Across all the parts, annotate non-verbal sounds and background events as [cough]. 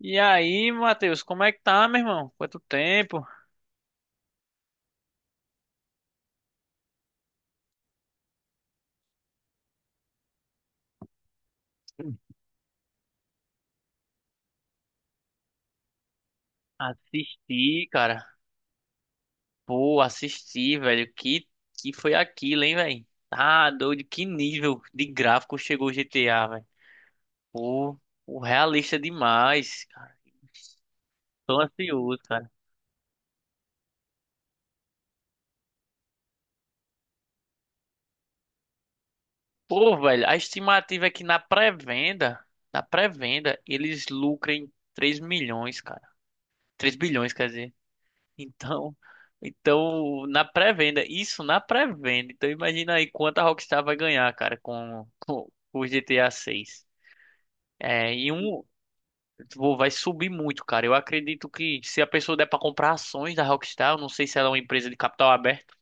E aí, Matheus, como é que tá, meu irmão? Quanto tempo? Assisti, cara. Pô, assisti, velho. Que foi aquilo, hein, velho? Tá doido. Que nível de gráfico chegou o GTA, velho. Pô, o realista demais, cara. Tô ansioso, cara. Pô, velho, a estimativa é que na pré-venda, eles lucrem 3 milhões, cara. 3 bilhões, quer dizer. Então, então, na pré-venda, isso na pré-venda. Então imagina aí quanto a Rockstar vai ganhar, cara, com, [laughs] com o GTA 6. É, vai subir muito, cara. Eu acredito que se a pessoa der pra comprar ações da Rockstar, eu não sei se ela é uma empresa de capital aberto,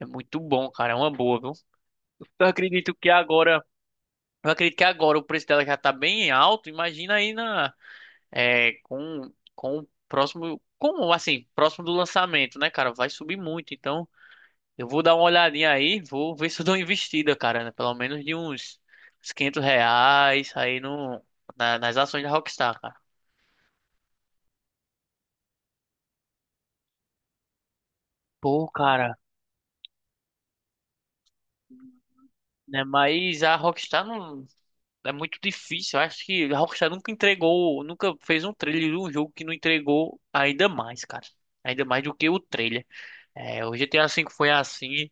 é muito bom, cara, é uma boa, viu? Eu acredito que agora, eu acredito que agora o preço dela já tá bem alto. Imagina aí na é, com o próximo, como assim, próximo do lançamento, né, cara? Vai subir muito, então. Eu vou dar uma olhadinha aí, vou ver se eu dou uma investida, cara, né? Pelo menos de uns R$ 500 aí no, na- nas ações da Rockstar, cara. Pô, cara, né? Mas a Rockstar não é muito difícil. Eu acho que a Rockstar nunca entregou, nunca fez um trailer de um jogo que não entregou ainda mais, cara. Ainda mais do que o trailer. É, o GTA V foi assim.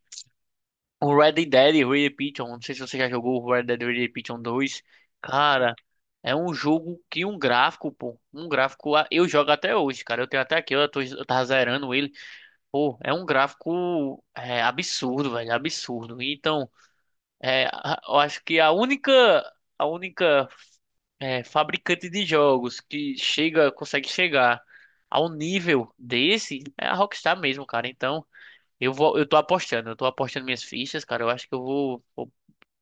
O Red Dead Redemption, não sei se você já jogou o Red Dead Redemption 2. Cara, é um jogo que um gráfico, pô, um gráfico, eu jogo até hoje, cara. Eu tenho até aqui, eu tava zerando ele. Pô, é um gráfico absurdo, velho, absurdo. Então, eu acho que a única fabricante de jogos que chega, consegue chegar ao nível desse é a Rockstar mesmo, cara. Então, eu vou, eu tô apostando minhas fichas, cara. Eu acho que eu vou. Vou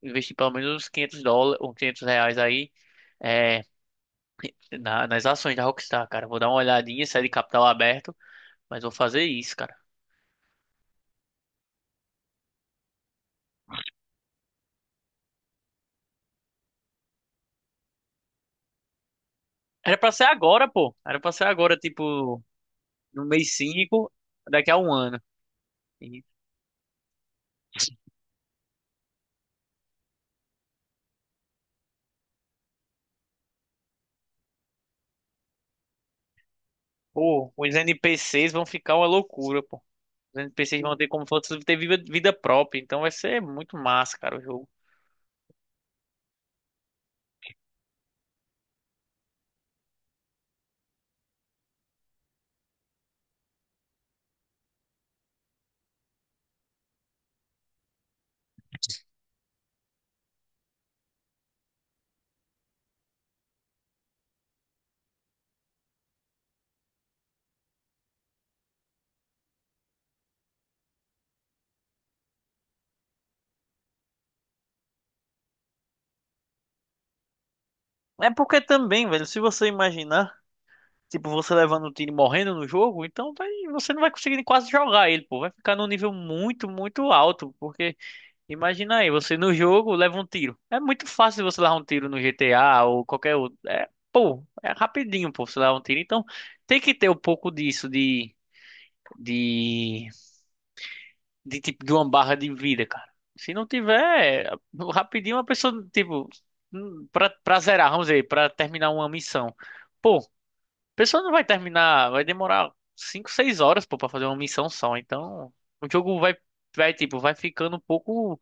investir pelo menos uns 500 dólares, uns 500 reais aí, é, nas ações da Rockstar, cara. Vou dar uma olhadinha, sair de capital aberto, mas vou fazer isso, cara. Era pra ser agora, pô. Era pra ser agora, tipo, no mês 5 daqui a um ano. E, pô, os NPCs vão ficar uma loucura, pô. Os NPCs vão ter como se fosse ter vida, vida própria, então vai ser muito massa, cara, o jogo. É porque também, velho, se você imaginar. Tipo, você levando o time morrendo no jogo, então você não vai conseguir quase jogar ele, pô. Vai ficar num nível muito, muito alto. Porque imagina aí, você no jogo leva um tiro. É muito fácil você levar um tiro no GTA ou qualquer outro. É, pô, é rapidinho, pô, você levar um tiro. Então tem que ter um pouco disso de, de tipo, de uma barra de vida, cara. Se não tiver, rapidinho a pessoa, tipo, pra zerar, vamos dizer, pra terminar uma missão. Pô, a pessoa não vai terminar, vai demorar 5, 6 horas, pô, pra fazer uma missão só. Então, o jogo vai, tipo, vai ficando um pouco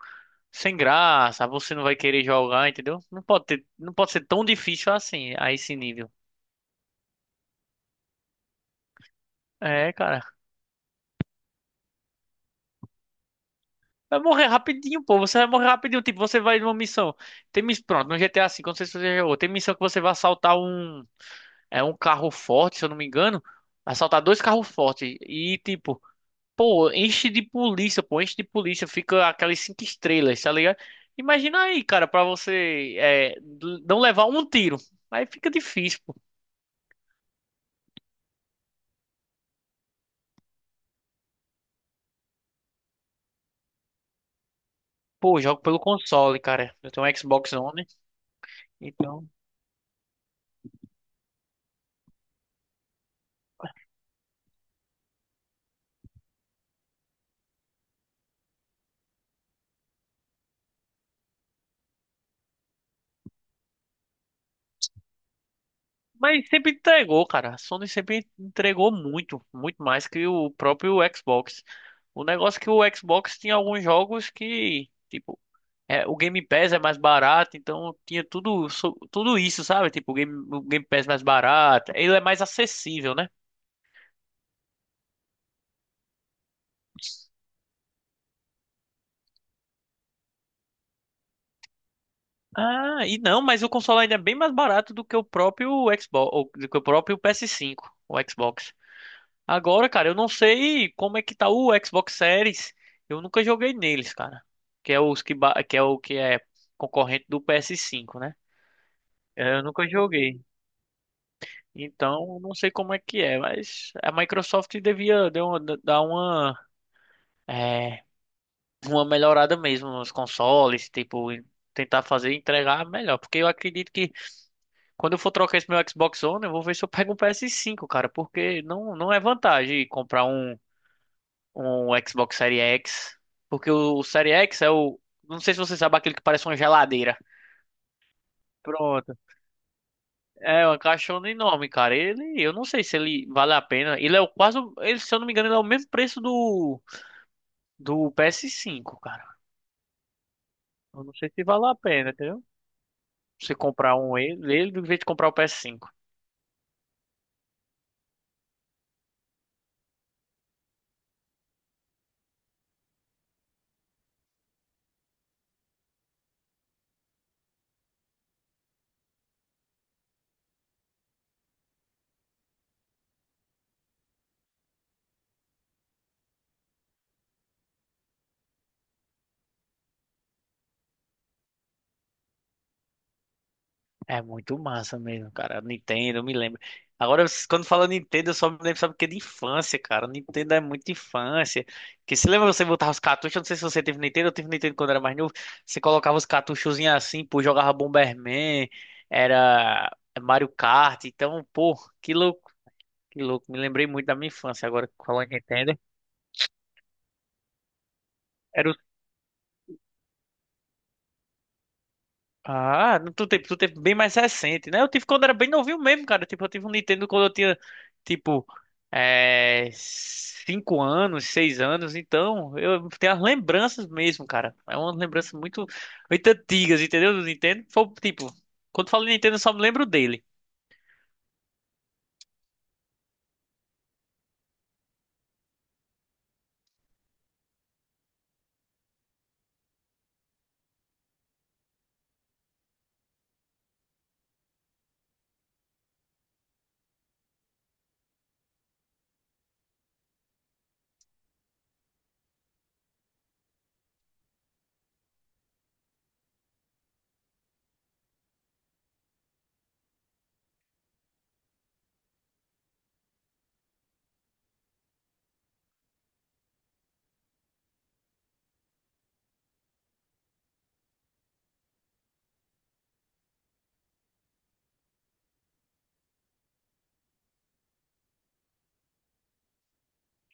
sem graça. Você não vai querer jogar, entendeu? Não pode ter, não pode ser tão difícil assim, a esse nível. É, cara. Vai morrer rapidinho, pô. Você vai morrer rapidinho. Tipo, você vai numa missão. Pronto, no GTA V, não sei se você já jogou. Tem missão que você vai assaltar um carro forte, se eu não me engano. Assaltar dois carros fortes. E, tipo, pô, enche de polícia, pô, enche de polícia, fica aquelas cinco estrelas, tá ligado? Imagina aí, cara, pra você não levar um tiro. Aí fica difícil, pô. Pô, eu jogo pelo console, cara. Eu tenho um Xbox One, então. Mas sempre entregou, cara. A Sony sempre entregou muito, muito mais que o próprio Xbox. O negócio é que o Xbox tinha alguns jogos que, tipo, é, o Game Pass é mais barato, então tinha tudo, tudo isso, sabe? Tipo, o Game Pass mais barato. Ele é mais acessível, né? Ah, e não, mas o console ainda é bem mais barato do que o próprio Xbox, ou do que o próprio PS5, o Xbox. Agora, cara, eu não sei como é que tá o Xbox Series. Eu nunca joguei neles, cara. Que é os que, que é o que é concorrente do PS5, né? Eu nunca joguei. Então, não sei como é que é, mas a Microsoft devia dar uma, é, uma melhorada mesmo nos consoles, tipo, e tentar fazer e entregar melhor. Porque eu acredito que quando eu for trocar esse meu Xbox One, eu vou ver se eu pego um PS5, cara, porque não é vantagem comprar um Xbox Series X. Porque o Series X é o. Não sei se você sabe aquele que parece uma geladeira. Pronto. É uma caixona enorme, cara. Eu não sei se ele vale a pena. Ele é o quase, ele, se eu não me engano, ele é o mesmo preço do PS5, cara. Eu não sei se vale a pena, entendeu? Você comprar um ele em vez de comprar o PS5. É muito massa mesmo, cara. Nintendo, eu me lembro. Agora, quando fala Nintendo, eu só me lembro, sabe o que? De infância, cara. Nintendo é muito infância. Que se lembra você botar os cartuchos? Eu não sei se você teve Nintendo, eu tive Nintendo quando era mais novo. Você colocava os cartuchozinhos assim, pô, jogava Bomberman, era Mario Kart. Então, pô, que louco, que louco. Me lembrei muito da minha infância. Agora, que falando em Nintendo. Era Ah, no tu teve bem mais recente, né? Eu tive quando era bem novinho mesmo, cara. Tipo, eu tive um Nintendo quando eu tinha, tipo, 5 anos, 6 anos. Então, eu tenho as lembranças mesmo, cara. É uma lembrança muito, muito antigas, entendeu? Do Nintendo. Foi, tipo, quando falo Nintendo, eu só me lembro dele.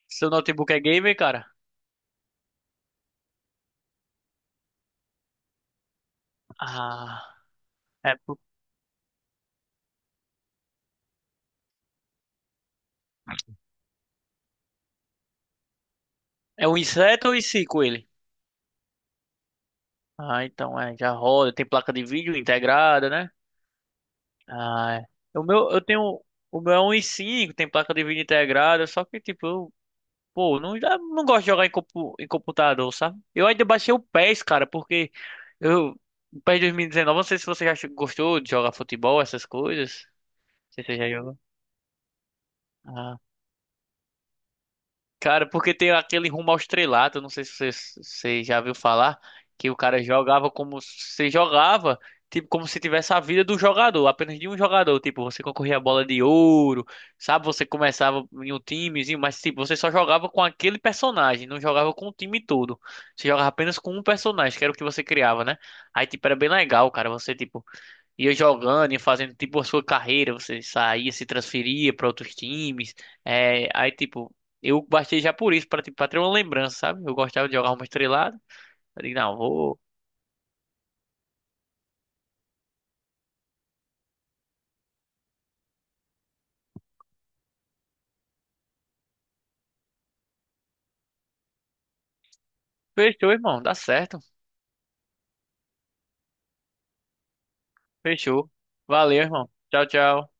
Seu notebook é gamer, cara? Ah, é, é um i7 ou i5 ele? Ah, então, já roda. Tem placa de vídeo integrada, né? Ah, é. O meu é um 1.5, tem placa de vídeo integrada, só que tipo, pô, eu não gosto de jogar em computador, sabe? Eu ainda baixei o PES, cara, porque eu, o PES 2019, não sei se você já gostou de jogar futebol, essas coisas. Não sei se você já jogou. Ah. Cara, porque tem aquele rumo ao estrelato, não sei se você já viu falar, que o cara jogava como se jogava, tipo, como se tivesse a vida do jogador, apenas de um jogador. Tipo, você concorria a bola de ouro, sabe? Você começava em um timezinho, mas tipo, você só jogava com aquele personagem, não jogava com o time todo. Você jogava apenas com um personagem, que era o que você criava, né? Aí, tipo, era bem legal, cara. Você, tipo, ia jogando, ia fazendo tipo a sua carreira, você saía, se transferia para outros times. É, aí tipo, eu baixei já por isso, para tipo, pra ter uma lembrança, sabe? Eu gostava de jogar uma estrelada. Eu digo, não, vou. Fechou, irmão, dá certo. Fechou. Valeu, irmão. Tchau, tchau.